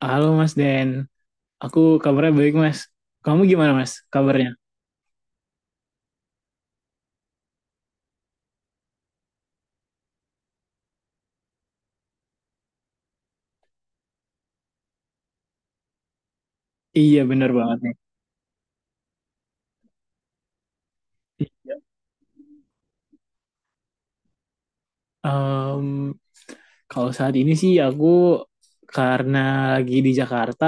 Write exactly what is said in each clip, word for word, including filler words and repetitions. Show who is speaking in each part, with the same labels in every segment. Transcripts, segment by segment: Speaker 1: Halo Mas Den, aku kabarnya baik Mas. Kamu gimana Mas kabarnya? Iya bener banget nih. Em, Kalau saat ini sih aku karena lagi di Jakarta,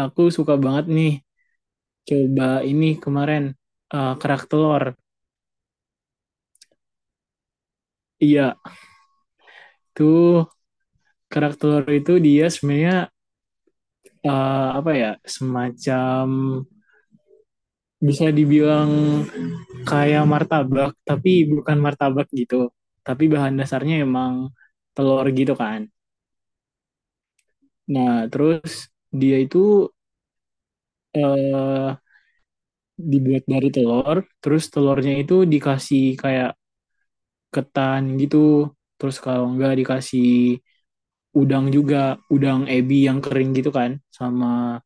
Speaker 1: aku suka banget nih coba ini kemarin eh, kerak telur. Iya, tuh kerak telur itu dia sebenarnya eh, apa ya, semacam bisa dibilang kayak martabak, tapi bukan martabak gitu. Tapi bahan dasarnya emang telur gitu kan. Nah, terus dia itu eh, dibuat dari telur, terus telurnya itu dikasih kayak ketan gitu. Terus kalau enggak dikasih udang juga, udang ebi yang kering gitu kan, sama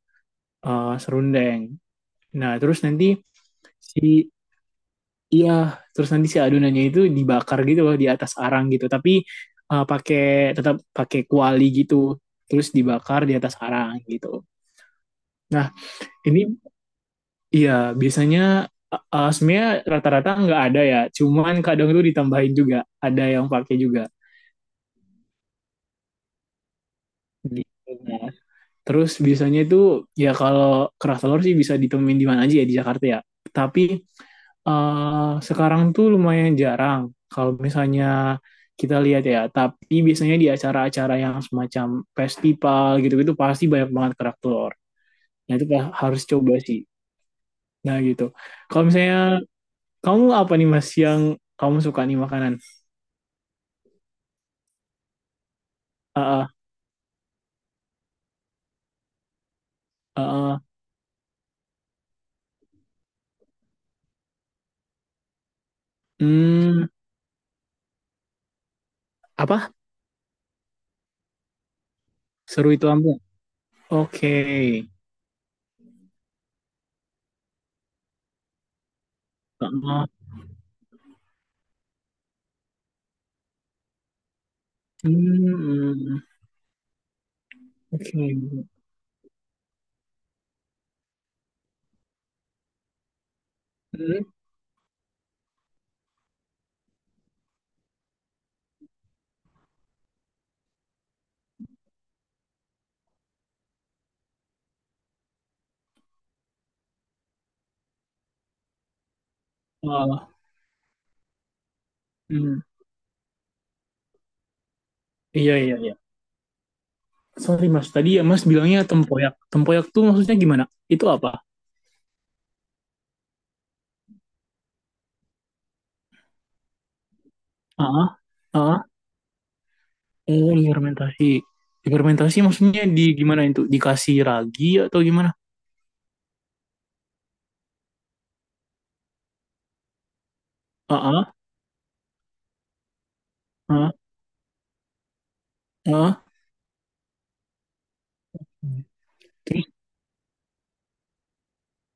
Speaker 1: eh, serundeng. Nah, terus nanti si iya, terus nanti si adonannya itu dibakar gitu loh di atas arang gitu, tapi eh, pakai, tetap pakai kuali gitu. Terus dibakar di atas arang gitu. Nah, ini iya, biasanya eh, eh, sebenarnya rata-rata nggak ada ya, cuman kadang tuh ditambahin juga, ada yang pakai juga. Gitu. Nah, terus biasanya itu ya kalau keras telur sih bisa ditemuin di mana aja ya di Jakarta ya. Tapi eh, sekarang tuh lumayan jarang kalau misalnya kita lihat ya. Tapi biasanya di acara-acara yang semacam festival gitu-gitu pasti banyak banget kerak telur. Nah itu harus coba sih. Nah gitu. Kalau misalnya kamu apa nih Mas yang kamu suka nih makanan? Ah, ah, ah, ah. Hmm, apa? Seru itu Lampung. Oke. Ah, ah. Hmm, oke. Hmm, oh, hmm. Iya, iya, iya. Sorry Mas, tadi ya Mas bilangnya tempoyak. Tempoyak tuh maksudnya gimana? Itu apa? Ah, ah, ah, ah. Oh, fermentasi. Fermentasi maksudnya di gimana itu? Dikasih ragi atau gimana? Ah, ah, ah, ah. Terus?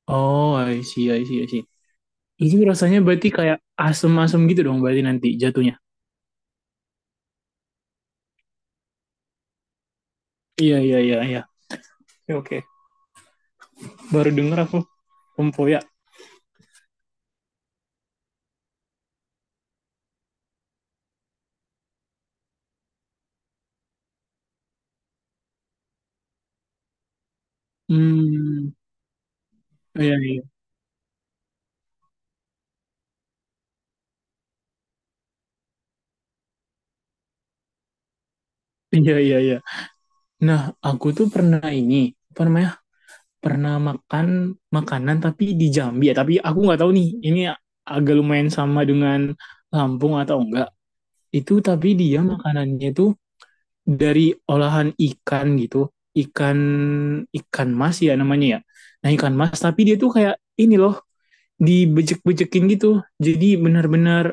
Speaker 1: Oh, I see, I see, I see. Itu rasanya berarti kayak asem-asem gitu dong berarti nanti jatuhnya. Iya, iya, iya, iya. Oke, oke. Baru denger aku tempoyak. Hmm, iya, iya. Iya, iya, iya. Nah, aku tuh pernah ini, apa namanya? Pernah makan makanan tapi di Jambi ya. Tapi aku nggak tahu nih, ini agak lumayan sama dengan Lampung atau enggak. Itu tapi dia makanannya itu dari olahan ikan gitu. Ikan, ikan mas ya namanya ya. Nah, ikan mas, tapi dia tuh kayak ini loh, dibejek-bejekin gitu. Jadi benar-benar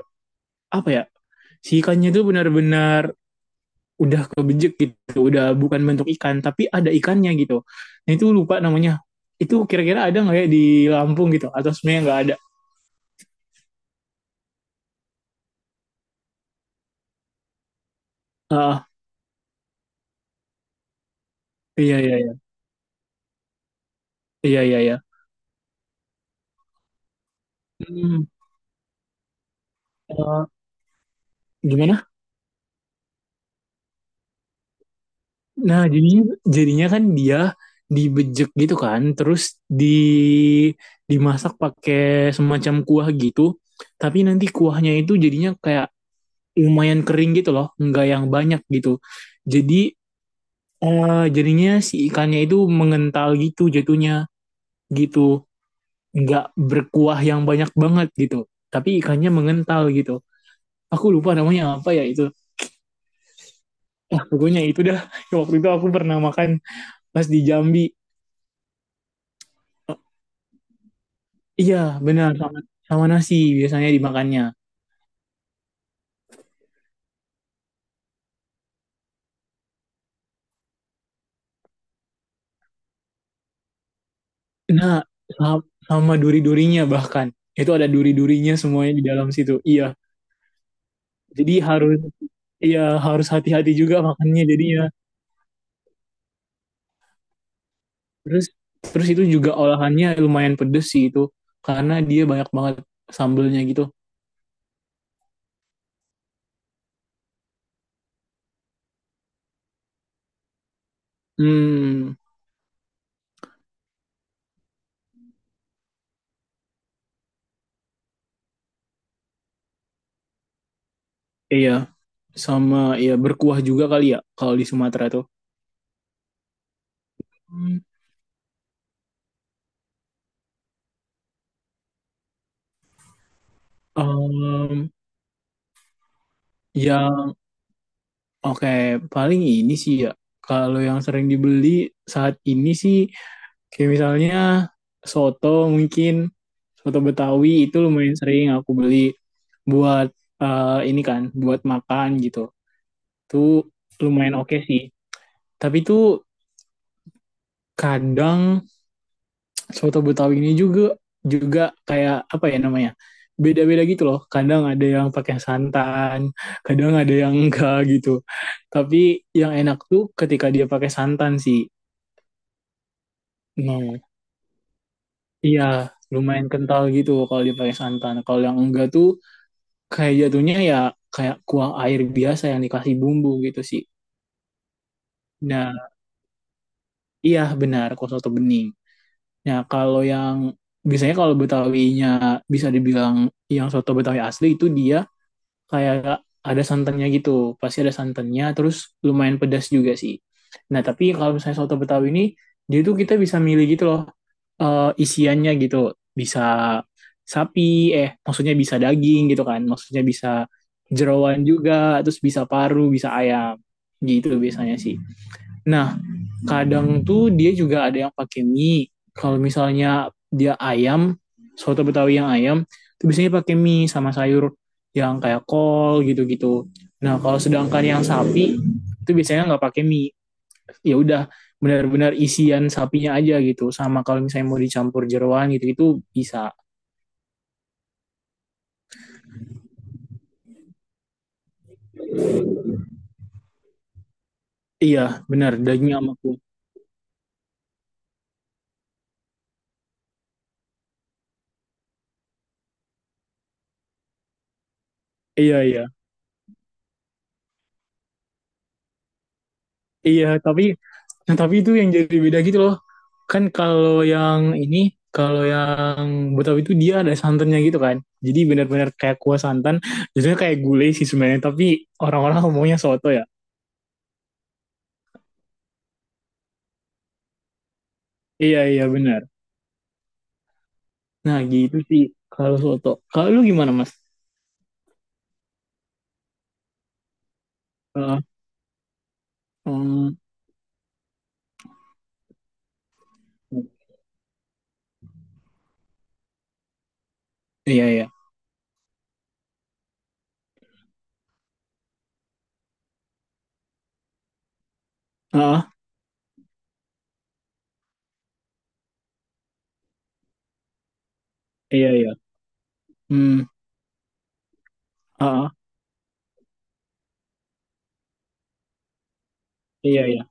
Speaker 1: apa ya? Si ikannya tuh benar-benar udah kebejek gitu, udah bukan bentuk ikan tapi ada ikannya gitu. Nah itu lupa namanya. Itu kira-kira ada nggak ya di Lampung gitu? Atau sebenarnya nggak ada? Ah, iya, iya, iya, iya, iya, iya. Hmm, eh, gimana? Nah jadinya jadinya kan dia dibejek gitu kan, terus di dimasak pakai semacam kuah gitu. Tapi nanti kuahnya itu jadinya kayak lumayan kering gitu loh, nggak yang banyak gitu. Jadi eh, jadinya si ikannya itu mengental gitu jatuhnya gitu, nggak berkuah yang banyak banget gitu. Tapi ikannya mengental gitu. Aku lupa namanya apa ya itu. Ah, pokoknya itu dah. Waktu itu aku pernah makan pas di Jambi. Iya, benar sama, sama nasi biasanya dimakannya. Nah, sama duri-durinya bahkan. Itu ada duri-durinya semuanya di dalam situ. Iya. Jadi harus iya, harus hati-hati juga makannya jadinya. Terus terus itu juga olahannya lumayan pedes sih itu karena dia banyak banget sambelnya gitu. Hmm, iya sama ya berkuah juga kali ya kalau di Sumatera tuh. Hmm. Em, yang oke paling ini sih ya kalau yang sering dibeli saat ini sih kayak misalnya soto mungkin soto Betawi itu lumayan sering aku beli buat eh, ini kan buat makan gitu. Tuh lumayan oke sih. Tapi tuh kadang soto Betawi ini juga juga kayak apa ya namanya beda-beda gitu loh, kadang ada yang pakai santan kadang ada yang enggak gitu, tapi yang enak tuh ketika dia pakai santan sih. Hmm. Iya lumayan kental gitu kalau dia pakai santan, kalau yang enggak tuh kayak jatuhnya ya kayak kuah air biasa yang dikasih bumbu gitu sih. Nah iya benar, kalau soto bening. Nah, kalau yang biasanya kalau Betawinya bisa dibilang yang soto Betawi asli itu dia kayak ada santannya gitu. Pasti ada santannya, terus lumayan pedas juga sih. Nah, tapi kalau misalnya soto Betawi ini, dia tuh kita bisa milih gitu loh eh, isiannya gitu. Bisa sapi, eh maksudnya bisa daging gitu kan. Maksudnya bisa jeroan juga, terus bisa paru, bisa ayam. Gitu biasanya sih. Nah, kadang tuh dia juga ada yang pakai mie kalau misalnya dia ayam, soto betawi yang ayam itu biasanya pakai mie sama sayur yang kayak kol gitu-gitu. Nah kalau sedangkan yang sapi itu biasanya nggak pakai mie, ya udah benar-benar isian sapinya aja gitu, sama kalau misalnya mau dicampur jeroan gitu itu bisa. Iya benar, daging sama kuah. Iya, iya, iya, tapi nah, tapi itu yang jadi beda gitu loh. Kan kalau yang ini, kalau yang Betawi itu dia ada santannya gitu kan. Jadi benar-benar kayak kuah santan, jadinya kayak gulai sih sebenarnya. Tapi orang-orang ngomongnya soto ya. Iya, iya benar. Nah, gitu sih kalau soto. Kalau lu gimana, Mas? Heeh. Hmm, iya, iya. Heeh, iya, iya. Hmm, heeh, iya, iya.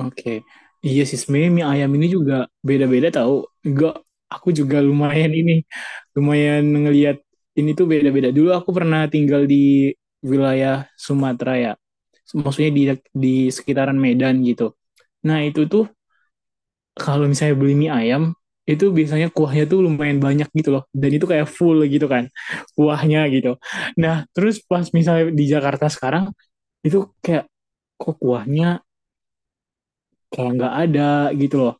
Speaker 1: Oke. Iya sih sebenarnya mie ayam ini juga beda-beda tahu. Enggak, aku juga lumayan ini lumayan ngelihat ini tuh beda-beda. Dulu aku pernah tinggal di wilayah Sumatera ya. Maksudnya di di sekitaran Medan gitu. Nah, itu tuh kalau misalnya beli mie ayam itu biasanya kuahnya tuh lumayan banyak gitu loh. Dan itu kayak full gitu kan kuahnya gitu. Nah, terus pas misalnya di Jakarta sekarang itu kayak kok kuahnya kayak nggak ada gitu loh.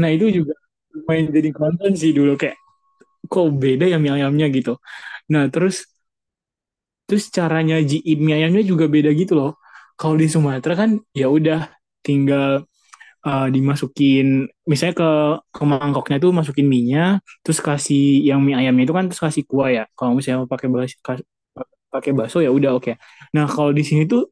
Speaker 1: Nah itu juga main jadi konten sih dulu kayak kok beda ya mie ayamnya gitu. Nah terus terus caranya nyajiin mie ayamnya juga beda gitu loh. Kalau di Sumatera kan ya udah tinggal eh, dimasukin misalnya ke ke mangkoknya tuh masukin minyak terus kasih yang mie ayamnya itu kan terus kasih kuah ya. Kalau misalnya pakai bas- kas- pakai bakso ya udah oke. Nah kalau di sini tuh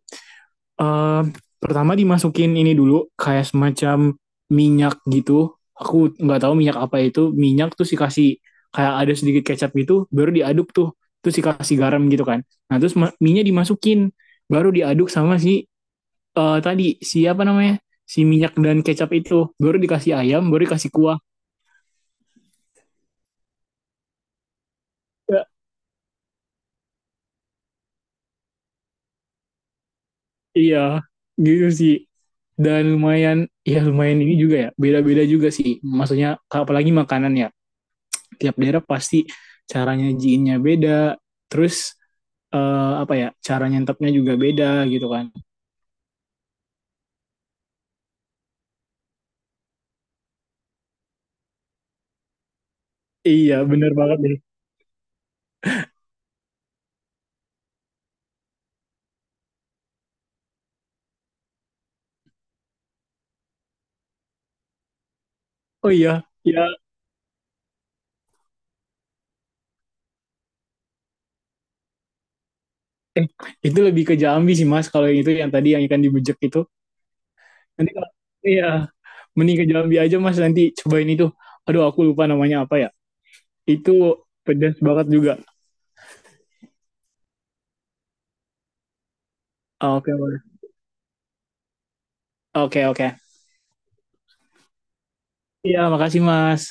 Speaker 1: Eh, pertama dimasukin ini dulu kayak semacam minyak gitu. Aku nggak tahu minyak apa itu. Minyak terus dikasih kayak ada sedikit kecap gitu, baru diaduk tuh. Terus dikasih garam gitu kan. Nah, terus ma- minyak dimasukin, baru diaduk sama si eh, tadi siapa namanya? Si minyak dan kecap itu. Baru dikasih ayam, baru dikasih kuah. Ya, iya, gitu sih. Dan lumayan, ya lumayan ini juga ya. Beda-beda juga sih. Maksudnya apalagi makanan ya. Tiap daerah pasti caranya nyajiinnya beda terus eh, apa ya cara nyantapnya juga beda gitu kan. Iya benar banget deh. Oh iya ya. eh itu lebih ke Jambi sih mas kalau itu yang tadi yang ikan dibejek itu, nanti kalau iya mending ke Jambi aja mas nanti cobain itu, aduh aku lupa namanya apa ya itu, pedas banget juga. Ah, oke Mas. Oke oke. Iya makasih mas.